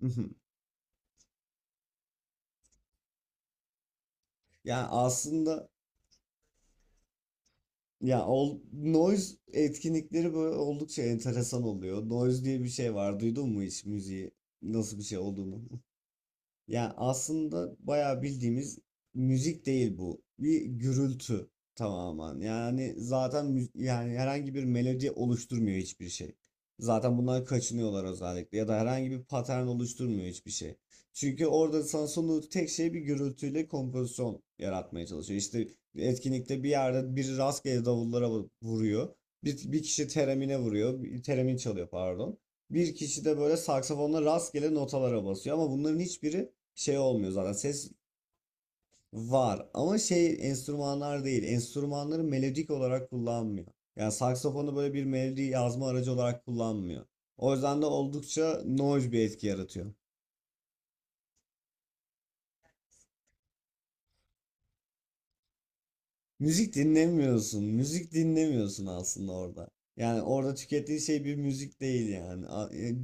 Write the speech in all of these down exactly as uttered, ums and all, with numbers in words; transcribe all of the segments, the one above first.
Hı hı. Yani aslında ya ol, noise etkinlikleri böyle oldukça enteresan oluyor. Noise diye bir şey var. Duydun mu hiç müziği nasıl bir şey olduğunu? Yani aslında bayağı bildiğimiz müzik değil bu. Bir gürültü tamamen. Yani zaten mü- yani herhangi bir melodi oluşturmuyor hiçbir şey. Zaten bundan kaçınıyorlar özellikle ya da herhangi bir patern oluşturmuyor hiçbir şey. Çünkü orada sana sunduğu tek şey bir gürültüyle kompozisyon yaratmaya çalışıyor. İşte etkinlikte bir yerde biri rastgele davullara vu- vuruyor. Bir, bir kişi teremine vuruyor. bir- Teremin çalıyor pardon. Bir kişi de böyle saksafonla rastgele notalara basıyor ama bunların hiçbiri şey olmuyor zaten ses var ama şey enstrümanlar değil, enstrümanları melodik olarak kullanmıyor. Yani saksafonu böyle bir melodi yazma aracı olarak kullanmıyor. O yüzden de oldukça noise bir etki yaratıyor. Müzik dinlemiyorsun. Müzik dinlemiyorsun aslında orada. Yani orada tükettiğin şey bir müzik değil yani. A- e,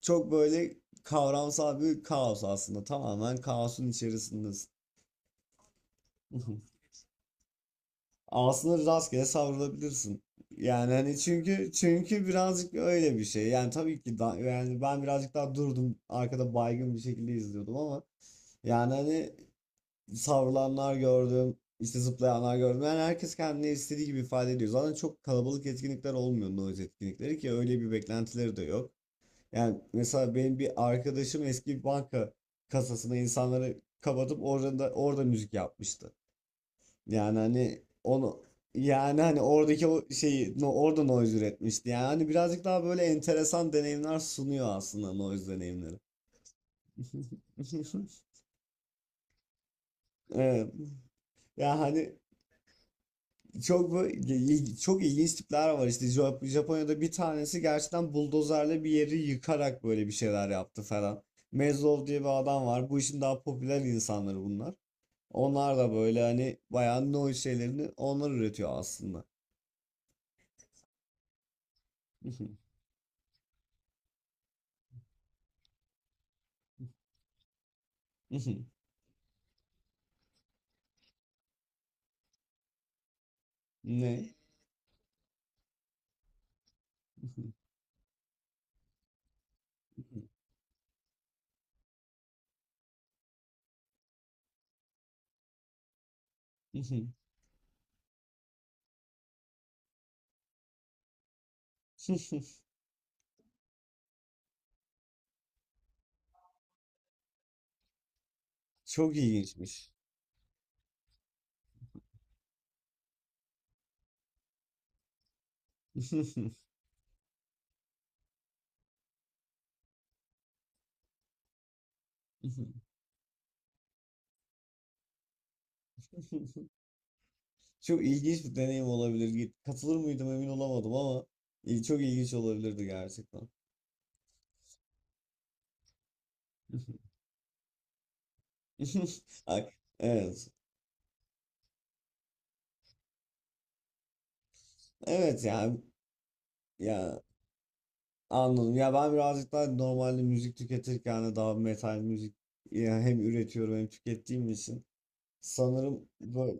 Çok böyle kavramsal bir kaos aslında. Tamamen kaosun içerisindesin. Aslında rastgele savrulabilirsin. Yani hani çünkü çünkü birazcık öyle bir şey. Yani tabii ki da, yani ben birazcık daha durdum arkada baygın bir şekilde izliyordum ama yani hani savrulanlar gördüm, işte zıplayanlar gördüm. Yani herkes kendini istediği gibi ifade ediyor. Zaten çok kalabalık etkinlikler olmuyor noise etkinlikleri, ki öyle bir beklentileri de yok. Yani mesela benim bir arkadaşım eski bir banka kasasına insanları kapatıp orada orada müzik yapmıştı. Yani hani onu, yani hani oradaki o şeyi, no, orada noise üretmişti. Yani hani birazcık daha böyle enteresan deneyimler sunuyor aslında noise deneyimleri. Evet. Ya hani çok bu- il- çok ilginç tipler var, işte Jap- Japonya'da bir tanesi gerçekten buldozerle bir yeri yıkarak böyle bir şeyler yaptı falan. Mezlov diye bir adam var. Bu işin daha popüler insanları bunlar. Onlar da böyle hani bayağı noise şeylerini onlar üretiyor aslında. Ne? Çok ilginçmiş. Çok ilginç bir deneyim olabilir. Katılır mıydım emin olamadım ama il- çok ilginç olabilirdi gerçekten. Ay, evet. Evet ya ya anladım. Ya ben birazcık daha normalde müzik tüketirken de daha metal müzik, ya hem üretiyorum hem tükettiğim için sanırım, böyle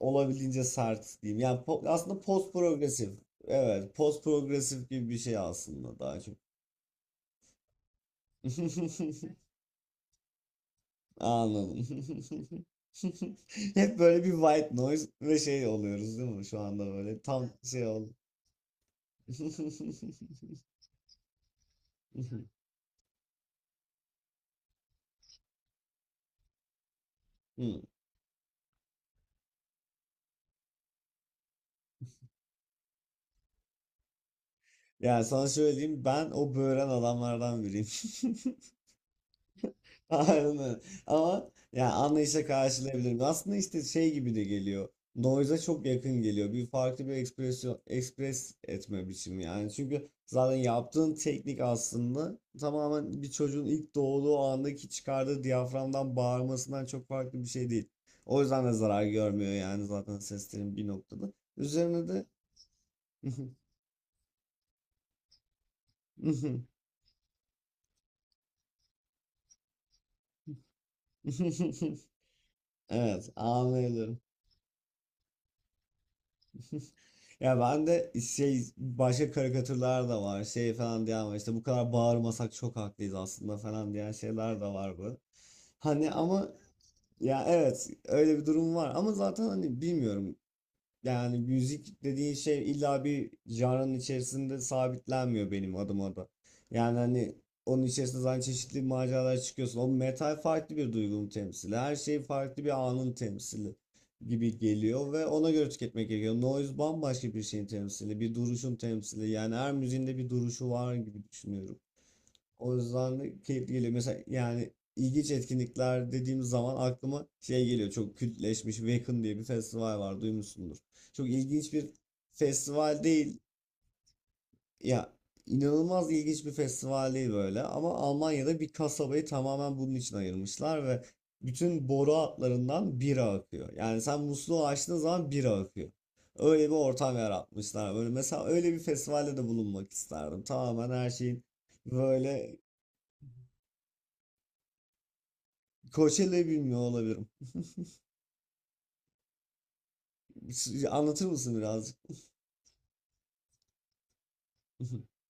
olabildiğince sert diyeyim. Yani po- aslında post progresif. Evet, post progresif gibi bir şey aslında daha çok. Anladım. Hep böyle bir white noise ve şey oluyoruz değil mi? Şu anda böyle tam şey oldu. Hmm. Yani sana şöyle diyeyim, ben o böğren adamlardan biriyim. Aynen. Ama ya anlayışla karşılayabilirim. Aslında işte şey gibi de geliyor. Noise'a çok yakın geliyor. Bir farklı bir ekspresyon, ekspres etme biçimi yani. Çünkü zaten yaptığın teknik aslında tamamen bir çocuğun ilk doğduğu andaki çıkardığı diyaframdan bağırmasından çok farklı bir şey değil. O yüzden de zarar görmüyor yani zaten seslerin bir noktada. Üzerine de Evet, anlıyorum. Ya ben de şey, başka karikatürler de var, şey falan diyen var, işte bu kadar bağırmasak çok haklıyız aslında falan diyen şeyler de var bu. Hani ama ya evet, öyle bir durum var ama zaten hani bilmiyorum, yani müzik dediğin şey illa bir janrın içerisinde sabitlenmiyor benim adıma da. Yani hani onun içerisinde zaten çeşitli maceralar çıkıyorsun. O metal farklı bir duygunun temsili. Her şey farklı bir anın temsili gibi geliyor ve ona göre tüketmek gerekiyor. Noise bambaşka bir şeyin temsili, bir duruşun temsili. Yani her müziğinde bir duruşu var gibi düşünüyorum. O yüzden de keyifli geliyor. Mesela yani ilginç etkinlikler dediğim zaman aklıma şey geliyor. Çok kültleşmiş Wacken diye bir festival var. Duymuşsundur. Çok ilginç bir festival değil. Ya inanılmaz ilginç bir festival değil böyle. Ama Almanya'da bir kasabayı tamamen bunun için ayırmışlar ve bütün boru hatlarından bira akıyor. Yani sen musluğu açtığın zaman bira akıyor. Öyle bir ortam yaratmışlar. Böyle mesela öyle bir festivalde de bulunmak isterdim. Tamamen her şeyin böyle. Coachella'yı bilmiyor olabilirim. S- Anlatır mısın birazcık?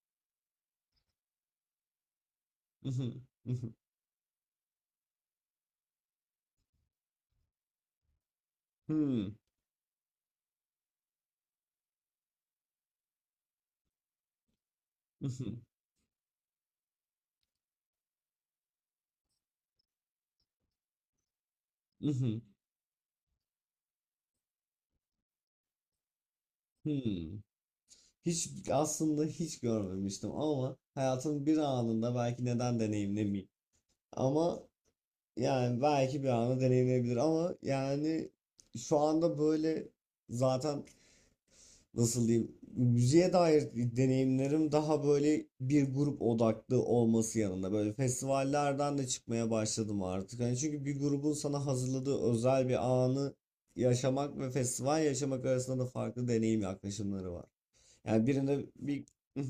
Hiç, aslında hiç görmemiştim ama hayatın bir anında belki, neden deneyimlemeyeyim. Ama yani belki bir anı deneyimleyebilir ama yani şu anda böyle, zaten nasıl diyeyim, müziğe dair deneyimlerim daha böyle bir grup odaklı olması yanında böyle festivallerden de çıkmaya başladım artık. Hani çünkü bir grubun sana hazırladığı özel bir anı yaşamak ve festival yaşamak arasında da farklı deneyim yaklaşımları var. Yani birinde bir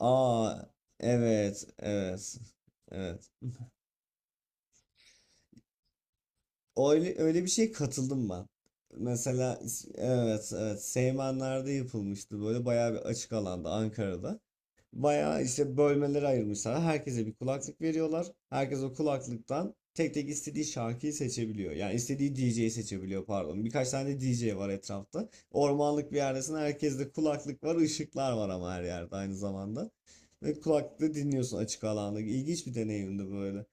aa, evet evet evet. Öyle öyle bir şey katıldım ben. Mesela is- evet evet, Seymenler'de yapılmıştı böyle bayağı bir açık alanda, Ankara'da. Bayağı işte bölmelere ayırmışlar. Herkese bir kulaklık veriyorlar. Herkes o kulaklıktan tek tek istediği şarkıyı seçebiliyor. Yani istediği D J'yi seçebiliyor pardon. Birkaç tane D J var etrafta. Ormanlık bir yerdesin. Herkeste kulaklık var, ışıklar var ama her yerde, aynı zamanda. Ve kulaklıkla dinliyorsun açık alanda. İlginç bir deneyimdi böyle.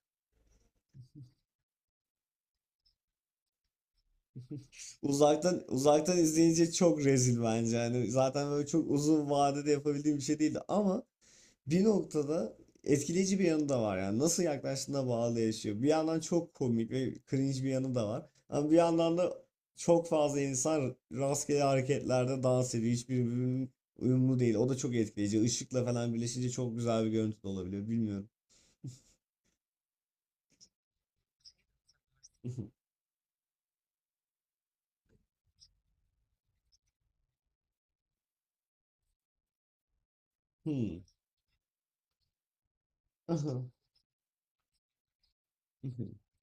Uzaktan uzaktan izleyince çok rezil bence. Yani zaten böyle çok uzun vadede yapabildiğim bir şey değildi ama bir noktada etkileyici bir yanı da var yani, nasıl yaklaştığına bağlı yaşıyor. Bir yandan çok komik ve cringe bir yanı da var. Ama bir yandan da çok fazla insan rastgele hareketlerde dans ediyor. Hiçbir birbirinin uyumlu değil. O da çok etkileyici. Işıkla falan birleşince çok güzel bir görüntü de olabiliyor. Bilmiyorum. Hmm.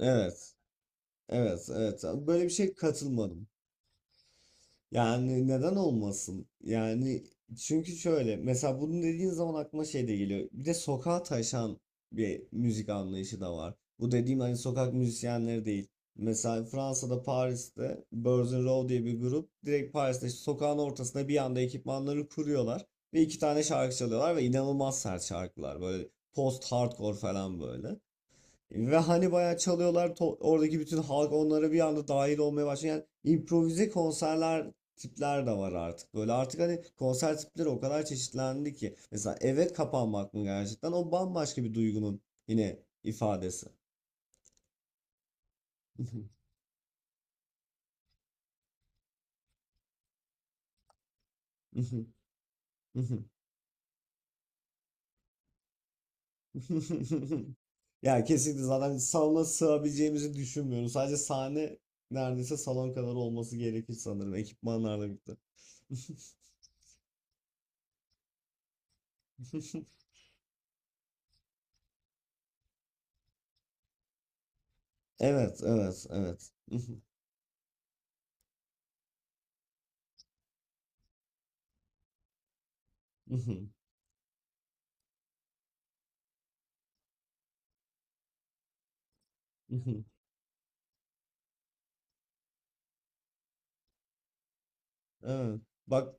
Evet. Evet. Evet. Böyle bir şey katılmadım. Yani neden olmasın? Yani çünkü şöyle, mesela bunu dediğin zaman aklıma şey de geliyor. Bir de sokağa taşan bir müzik anlayışı da var. Bu dediğim hani sokak müzisyenleri değil. Mesela Fransa'da, Paris'te Birds in Row diye bir grup direkt Paris'te işte sokağın ortasında bir anda ekipmanları kuruyorlar ve iki tane şarkı çalıyorlar ve inanılmaz sert şarkılar, böyle post hardcore falan böyle. Ve hani bayağı çalıyorlar, to- oradaki bütün halk onlara bir anda dahil olmaya başlıyor. Yani improvize konserler tipler de var artık. Böyle artık hani konser tipleri o kadar çeşitlendi ki. Mesela eve kapanmak mı, gerçekten o bambaşka bir duygunun yine ifadesi. Ya kesinlikle zaten salona sığabileceğimizi düşünmüyorum. Sadece sahne neredeyse salon kadar olması gerekir sanırım ekipmanlarla birlikte. Evet, evet, evet. Mhm. Evet. Bak,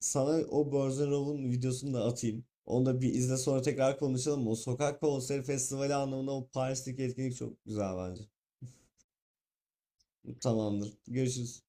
sana o Borzan Rov'un videosunu da atayım. Onu da bir izle, sonra tekrar konuşalım. O sokak konseri festivali anlamında o Paris'teki etkinlik çok güzel bence. Tamamdır. Görüşürüz.